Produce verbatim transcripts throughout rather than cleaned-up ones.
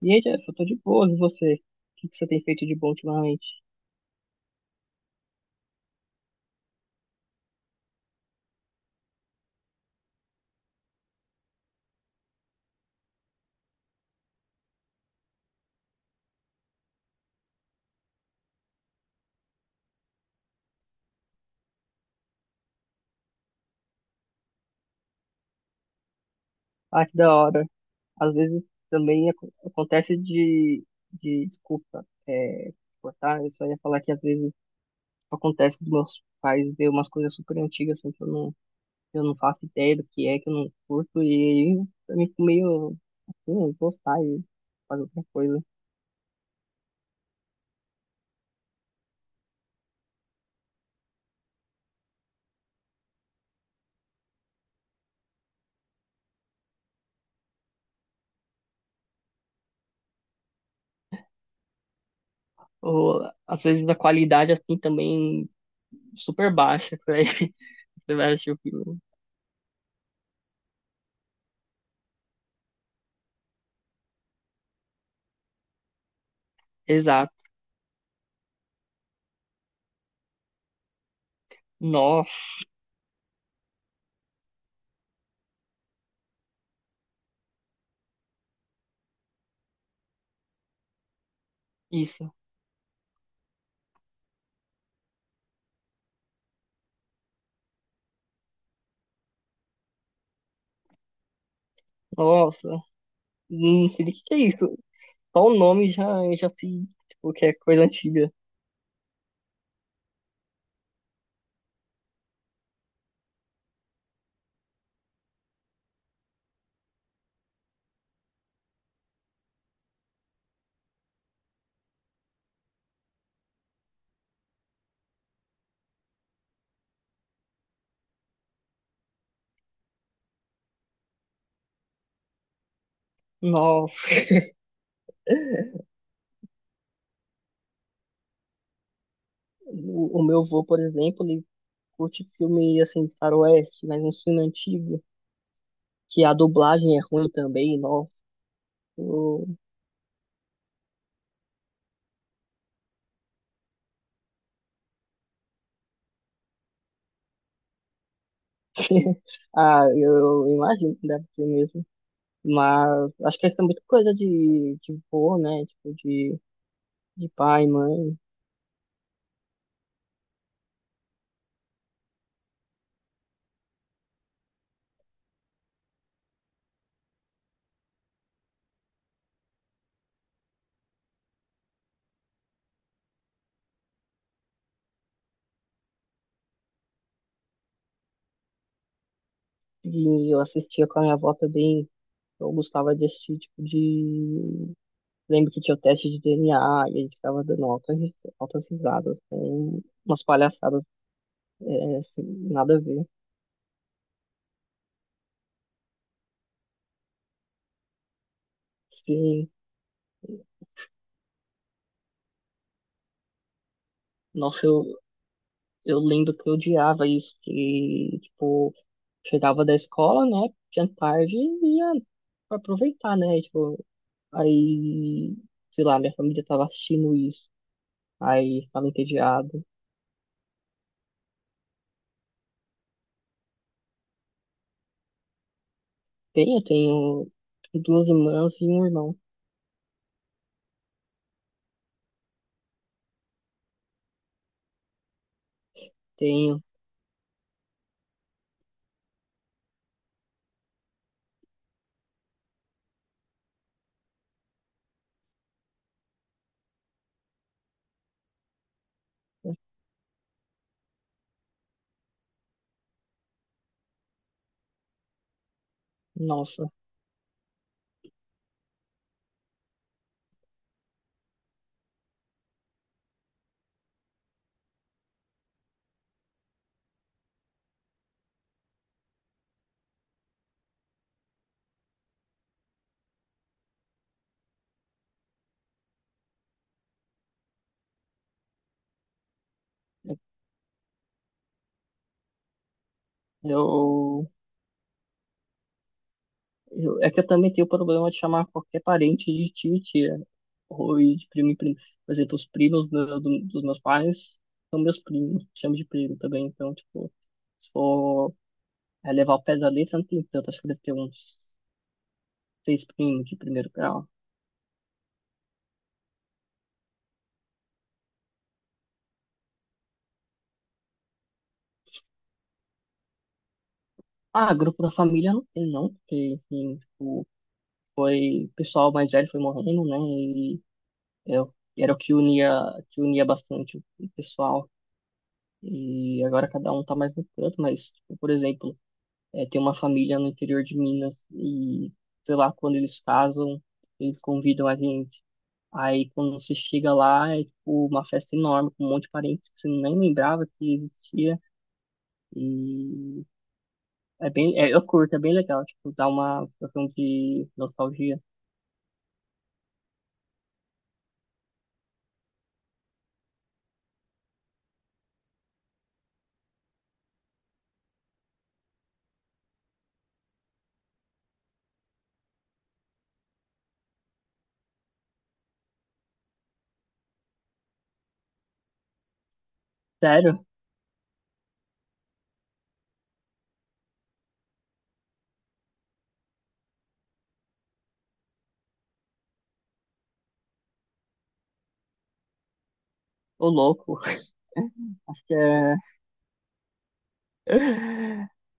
E aí, Jeff, eu tô de boas, e você? O que que você tem feito de bom ultimamente? Ah, que da hora. Às vezes também ac- acontece de, de desculpa, é, cortar. Eu só ia falar que às vezes acontece dos meus pais ver umas coisas super antigas, assim, que eu não, que eu não faço ideia do que é, que eu não curto, e aí eu me fico meio, assim, gostar e fazer outra coisa. Ou às vezes a qualidade, assim, também super baixa pra você vai assistir o filme. Exato. Nossa, isso. Nossa, não sei nem o que que é isso. Só o nome já, já se, tipo, que é coisa antiga. Nossa. O, o meu avô, por exemplo, ele curte filme, assim, de faroeste, mas um filme antigo, que a dublagem é ruim também, nossa. Eu- Ah, eu imagino que deve ser mesmo. Mas acho que isso é muito coisa de, de vô, né? Tipo, de, de pai, mãe. E eu assistia com a minha avó também. Eu gostava de assistir, tipo, de lembro que tinha o teste de D N A e a gente ficava dando altas, ris- altas risadas, com umas palhaçadas, é, assim, nada a ver. Sim, nossa, eu, eu lembro que eu odiava isso, que, tipo, chegava da escola, né, tinha tarde e ia pra aproveitar, né, tipo, aí, sei lá, minha família tava assistindo isso, aí ficava entediado. Tenho, tenho duas irmãs e um irmão, tenho, nossa, eu Eu- é que eu também tenho o problema de chamar qualquer parente de tio e tia. Ou e de primo e primo. Por exemplo, os primos do- do- dos meus pais são meus primos. Chamo de primo também. Então, tipo, se for é, levar o pé da letra, não tem tanto. Acho que deve ter uns seis primos de primeiro grau. Ah, grupo da família não tem, não. Porque, enfim, tipo, foi... O pessoal mais velho foi morrendo, né? E eu, era o que unia, que unia bastante o pessoal. E agora cada um tá mais no canto. Mas, tipo, por exemplo... é, tem uma família no interior de Minas e, sei lá, quando eles casam, eles convidam a gente. Aí quando você chega lá, é tipo uma festa enorme, com um monte de parentes que você nem lembrava que existia. E é bem, é, eu curto, é bem legal, tipo, dá uma sensação de nostalgia. Sério? Ô louco. Acho que é...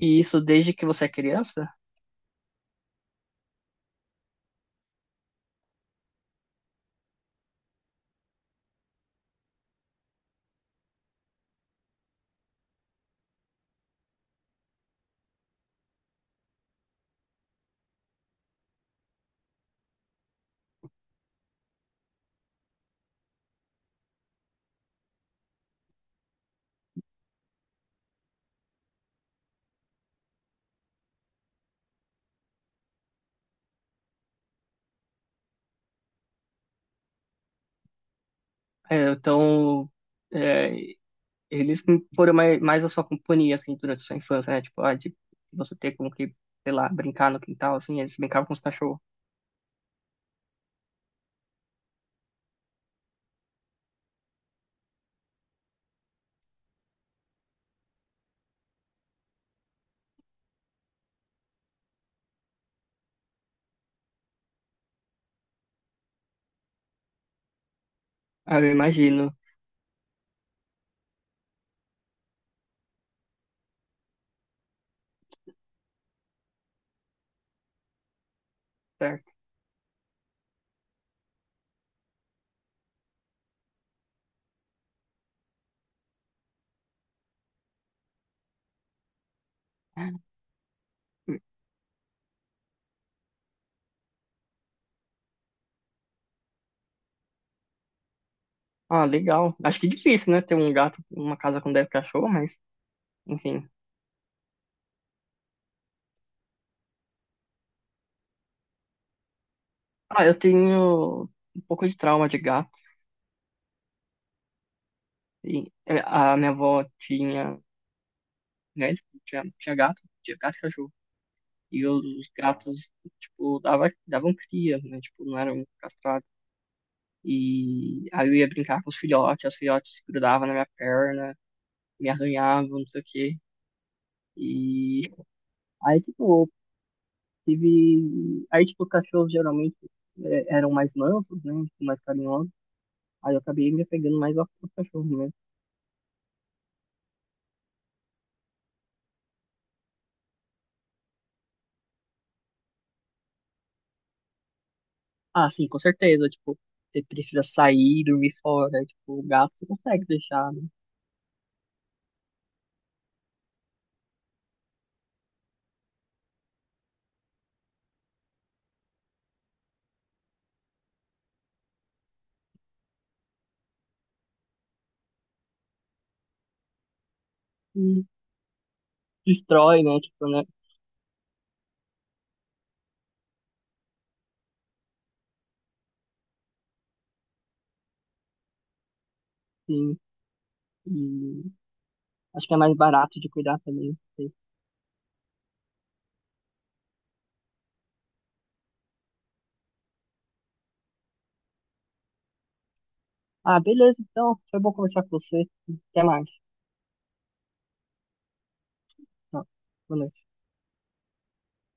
E isso desde que você é criança? É, então, é, eles não foram mais, mais a sua companhia, assim, durante a sua infância, né? Tipo, ah, de você ter como que, sei lá, brincar no quintal, assim, eles brincavam com os cachorros. Ah, eu imagino, certo. Ah, legal. Acho que difícil, né? Ter um gato, uma casa com dez cachorros, mas, enfim. Ah, eu tenho um pouco de trauma de gato. E é, a minha avó tinha, né? Tipo, Tinha, tinha gato, tinha gato e cachorro. E os gatos, tipo, dava, davam cria, né? Tipo, não eram castrados. E aí eu ia brincar com os filhotes, os filhotes grudavam na minha perna, me arranhavam, não sei o quê. E aí, tipo, eu tive. Aí, tipo, os cachorros geralmente eh, eram mais mansos, né? Tipo, mais carinhosos. Aí eu acabei me apegando mais aos aos cachorros mesmo. Ah, sim, com certeza. Tipo, você precisa sair, dormir fora. Tipo, o gato você consegue deixar, né? E destrói, né? Tipo, né? Sim. E acho que é mais barato de cuidar também. Não sei. Ah, beleza, então. Foi bom conversar com você. Até mais. Tá. Boa noite.